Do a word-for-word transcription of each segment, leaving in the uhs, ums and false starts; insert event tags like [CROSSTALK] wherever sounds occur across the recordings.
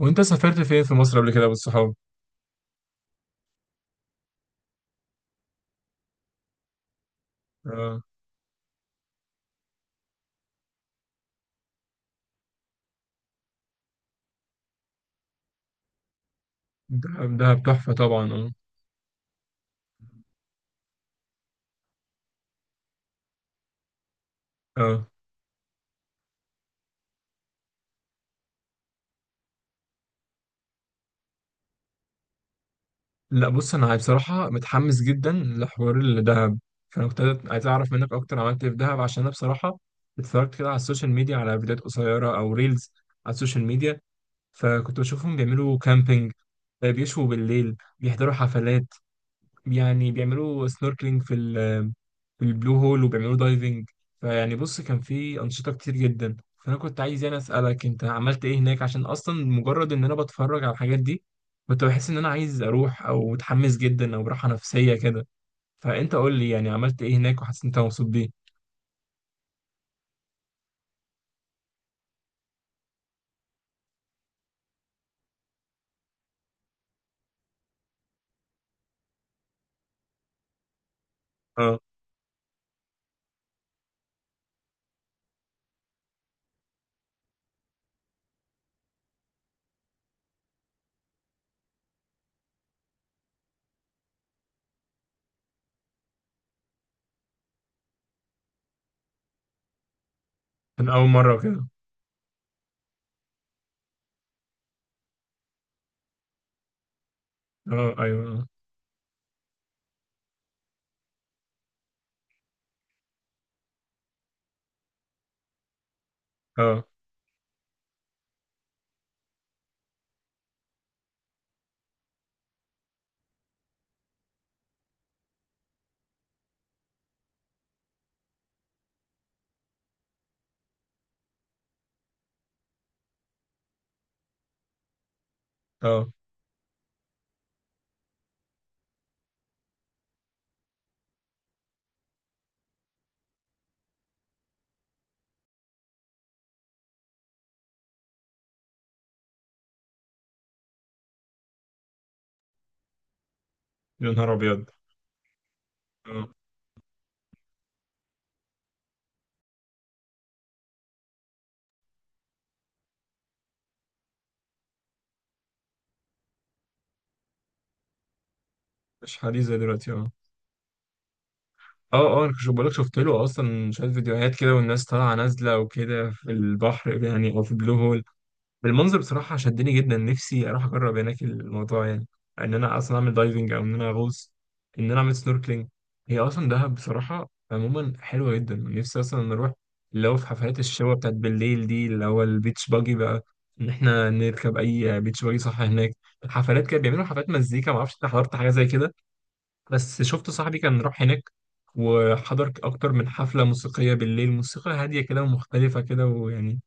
وانت سافرت فين في مصر قبل كده بالصحاب؟ اه. دهب دهب تحفة طبعا، اه. اه، لا بص، انا بصراحة متحمس جدا لحوار الدهب. فانا كنت عايز عايز اعرف منك اكتر عملت ايه في دهب، عشان انا بصراحة اتفرجت كده على السوشيال ميديا، على فيديوهات قصيرة او ريلز على السوشيال ميديا. فكنت بشوفهم بيعملوا كامبينج، آه، بيشوا بالليل، بيحضروا حفلات. يعني بيعملوا سنوركلينج في والبلو هول، وبيعملوا دايفنج. فيعني بص، كان في أنشطة كتير جدا. فأنا كنت عايز يعني أسألك أنت عملت إيه هناك، عشان أصلا مجرد إن أنا بتفرج على الحاجات دي كنت بحس إن أنا عايز أروح أو متحمس جدا أو براحة نفسية كده. فأنت قول لي يعني عملت إيه هناك وحسيت أنت مبسوط بيه. أه. كان أول مرة وكده. أه، أيوه. أه. أه. يا نهار أبيض. أه. مش حديث زي دلوقتي، أه. اه، اه، انا كنت بقولك شفت له اصلا شويه فيديوهات كده، والناس طالعه نازله وكده في البحر، يعني او في البلو هول. بالمنظر بصراحة شدني جدا، نفسي أروح أجرب هناك الموضوع، يعني إن أنا أصلا أعمل دايفنج أو إن أنا أغوص، إن أنا أعمل سنوركلينج. هي أصلا دهب بصراحة عموما حلوة جدا، نفسي أصلا إن أروح، اللي هو في حفلات الشوا بتاعت بالليل دي، اللي هو البيتش باجي بقى، إن إحنا نركب أي بيتش باجي، صح؟ هناك حفلات كده، بيعملوا حفلات مزيكا، معرفش أنت حضرت حاجة زي كده، بس شفت صاحبي كان راح هناك وحضر أكتر من حفلة موسيقية بالليل، موسيقى هادية كده ومختلفة كده، ويعني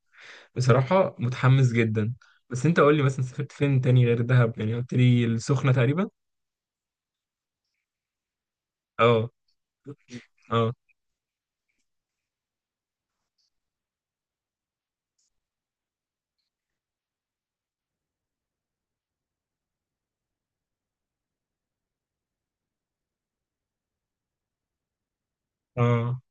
بصراحة متحمس جدا. بس انت قول لي مثلا سافرت فين تاني غير دهب، يعني قلت لي السخنة تقريبا. اه. اه. اه.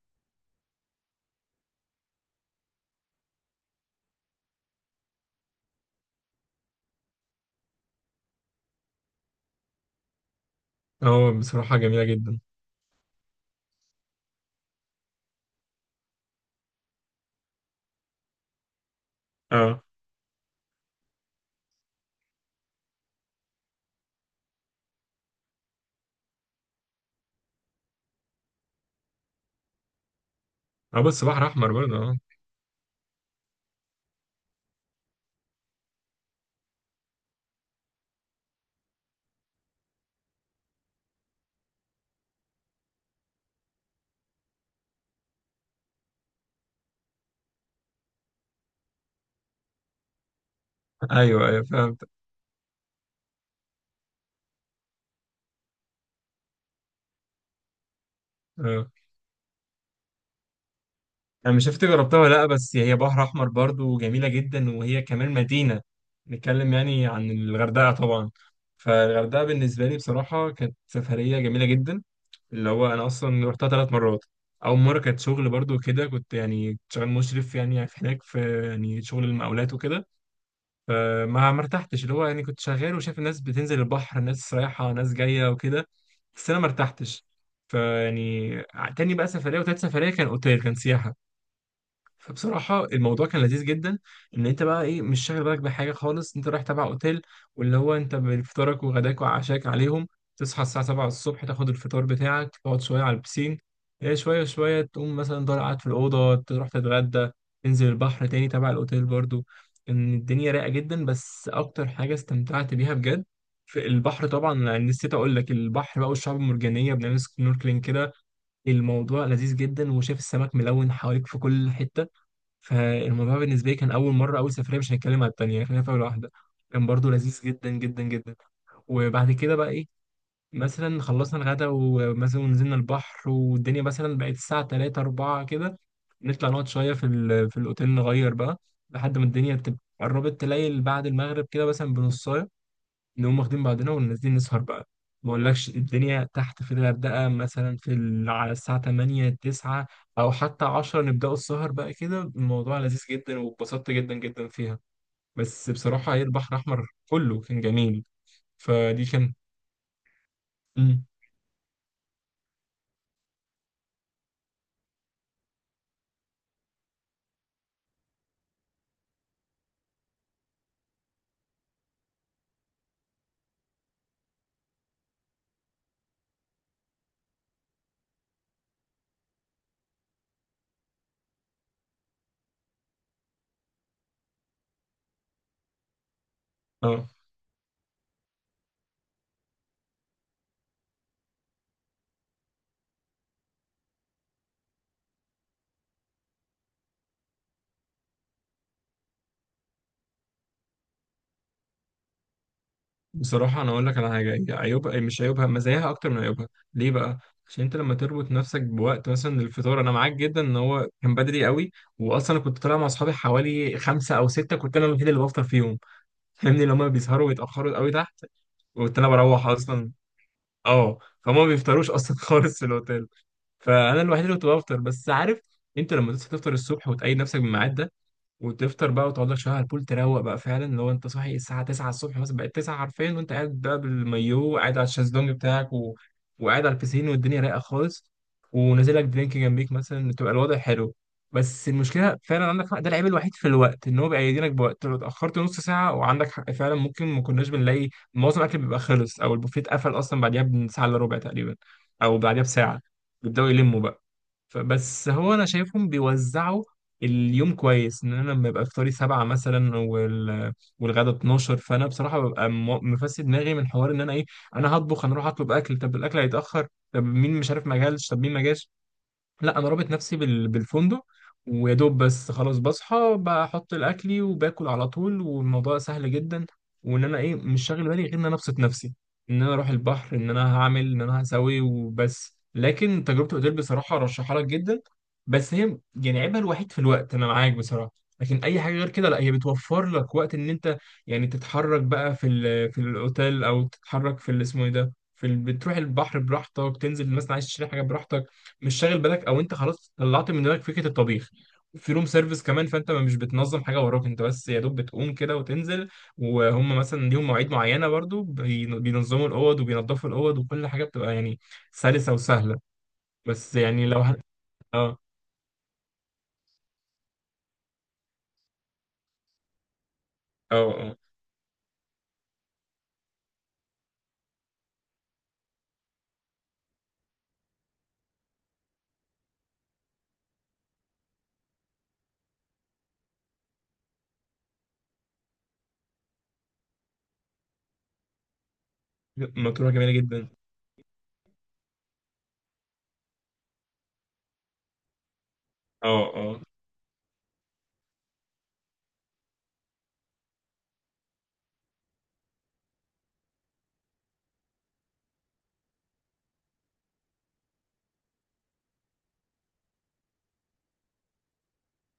اه، بصراحة جميلة جدا. اه. اه، بس بحر احمر برضه، اه. ايوه، ايوه، فهمت. اه، انا مش عارف إنت جربتها ولا لا، بس هي بحر احمر برضه وجميلة جدا، وهي كمان مدينة، نتكلم يعني عن الغردقة طبعا. فالغردقة بالنسبة لي بصراحة كانت سفرية جميلة جدا، اللي هو انا اصلا رحتها ثلاث مرات. اول مره كانت شغل برضو، كده كنت يعني كنت شغال مشرف يعني في هناك، في يعني شغل المقاولات وكده، فما ما ارتحتش، اللي هو يعني كنت شغال وشايف الناس بتنزل البحر، ناس رايحه، ناس جايه وكده، بس انا ما ارتحتش. فيعني تاني بقى سفريه وتالت سفريه كان اوتيل، كان سياحه. فبصراحة الموضوع كان لذيذ جدا، ان انت بقى ايه مش شاغل بالك بحاجة خالص، انت رايح تبع اوتيل، واللي هو انت بفطارك وغداك وعشاك عليهم. تصحى الساعة سبعة الصبح، تاخد الفطار بتاعك، تقعد شوية على البسين، ايه شوية شوية، تقوم مثلا ضايع قاعد في الأوضة، تروح تتغدى، تنزل البحر تاني تبع الاوتيل برضو. ان الدنيا رايقة جدا، بس اكتر حاجة استمتعت بيها بجد في البحر طبعا. يعني نسيت اقول لك، البحر بقى والشعاب المرجانية بنعمل سنوركلينج كده، الموضوع لذيذ جدا، وشايف السمك ملون حواليك في كل حتة. فالموضوع بالنسبه لي كان اول مره، اول سفريه، مش هنتكلم على التانيه، خلينا في اول واحده، كان برضو لذيذ جدا جدا جدا. وبعد كده بقى ايه، مثلا خلصنا الغدا ومثلا نزلنا البحر، والدنيا مثلا بقت الساعه تلاتة اربعة كده، نطلع نقعد شويه في ال- في الاوتيل، نغير بقى، لحد ما الدنيا تبقى قربت تليل بعد المغرب كده مثلا بنص، نقوم واخدين بعضنا ونازلين نسهر بقى. ما اقولكش الدنيا تحت في الغردقة مثلا في ال... على الساعة تمانية تسعة او حتى عشرة نبدأوا السهر بقى كده، الموضوع لذيذ جدا واتبسطت جدا جدا فيها. بس بصراحة هي البحر الأحمر كله كان جميل. فدي كان. مم. اه، بصراحة أنا أقول لك على حاجة، هي عيوبها مش عيوبها، مزاياها أكتر من عيوبها. ليه بقى؟ عشان أنت لما تربط نفسك بوقت مثلا الفطار، أنا معاك جدا إن هو كان بدري قوي. وأصلا أنا كنت طالع مع أصحابي حوالي خمسة أو ستة، كنت أنا الوحيد اللي بفطر فيهم، فاهمني. لما بيسهروا ويتأخروا قوي تحت، قلت انا بروح اصلا. اه، فهم ما بيفطروش اصلا [LAUGHS] خالص في الاوتيل. فانا الوحيد اللي كنت بفطر. بس عارف انت لما تصحى تفطر الصبح وتقيد نفسك بالميعاد ده وتفطر بقى وتقعد لك شويه على البول تروق بقى، فعلا لو انت صاحي الساعه تسعة الصبح مثلا بقت تسعة حرفيا وانت قاعد بقى بالمايو، قاعد على الشезлونج بتاعك و... وقاعد على البسين والدنيا رايقه خالص، ونازل لك درينك جنبيك مثلا، تبقى الوضع حلو. بس المشكله فعلا عندك حق، ده العيب الوحيد في الوقت، ان هو بيأيدينك بوقت، لو اتاخرت نص ساعه وعندك حق فعلا ممكن ما كناش بنلاقي معظم الاكل، بيبقى خلص او البوفيه اتقفل اصلا بعديها بساعه الا ربع تقريبا، او بعديها بساعه بيبداوا يلموا بقى. فبس هو انا شايفهم بيوزعوا اليوم كويس، ان انا لما يبقى افطاري سبعة مثلا وال... والغدا اتناشر، فانا بصراحه ببقى م- مفسد دماغي من حوار ان انا ايه، انا هطبخ، انا اروح اطلب اكل، طب الاكل هيتاخر، طب مين مش عارف ما جالش، طب مين ما جاش. لا انا رابط نفسي بال... بالفندق، ويا دوب بس خلاص بصحى بحط الاكلي وباكل على طول، والموضوع سهل جدا، وان انا ايه مش شاغل بالي غير ان انا ابسط نفسي، ان انا اروح البحر، ان انا هعمل، ان انا هسوي وبس. لكن تجربه الاوتيل بصراحه ارشحها لك جدا. بس هي يعني عيبها الوحيد في الوقت، انا معاك بصراحه، لكن اي حاجه غير كده لا، هي بتوفر لك وقت ان انت يعني تتحرك بقى في ال... في الاوتيل، او تتحرك في اللي اسمه ايه ده، في ال... بتروح البحر براحتك، تنزل مثلا عايز تشتري حاجه براحتك، مش شاغل بالك، او انت خلاص طلعت من دماغك فكره الطبيخ، في روم سيرفيس كمان، فانت مش بتنظم حاجه وراك، انت بس يا دوب بتقوم كده وتنزل، وهم مثلا ليهم مواعيد معينه برضو بين- بينظموا الاوض وبينظفوا الاوض، وكل حاجه بتبقى يعني سلسه وسهله. بس يعني لو هت... اه. اه. اه، مطروحه جميله جدا. اه. اه.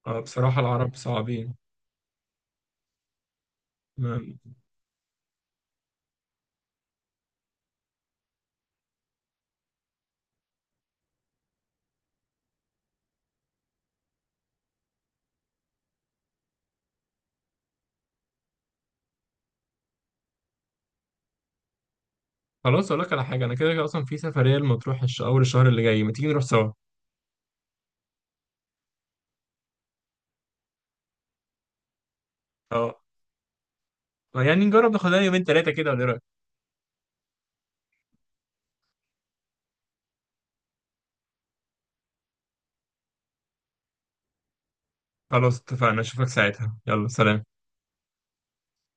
اه، بصراحه العرب صعبين. ما- خلاص اقول لك على حاجه، انا كده كده اصلا في سفريه لمطروح الش- اول الشهر اللي جاي، ما تيجي نروح سوا؟ اه، يعني نجرب ناخدها يومين ثلاثه كده، ولا إيه رأيك؟ خلاص اتفقنا، اشوفك ساعتها، يلا سلام.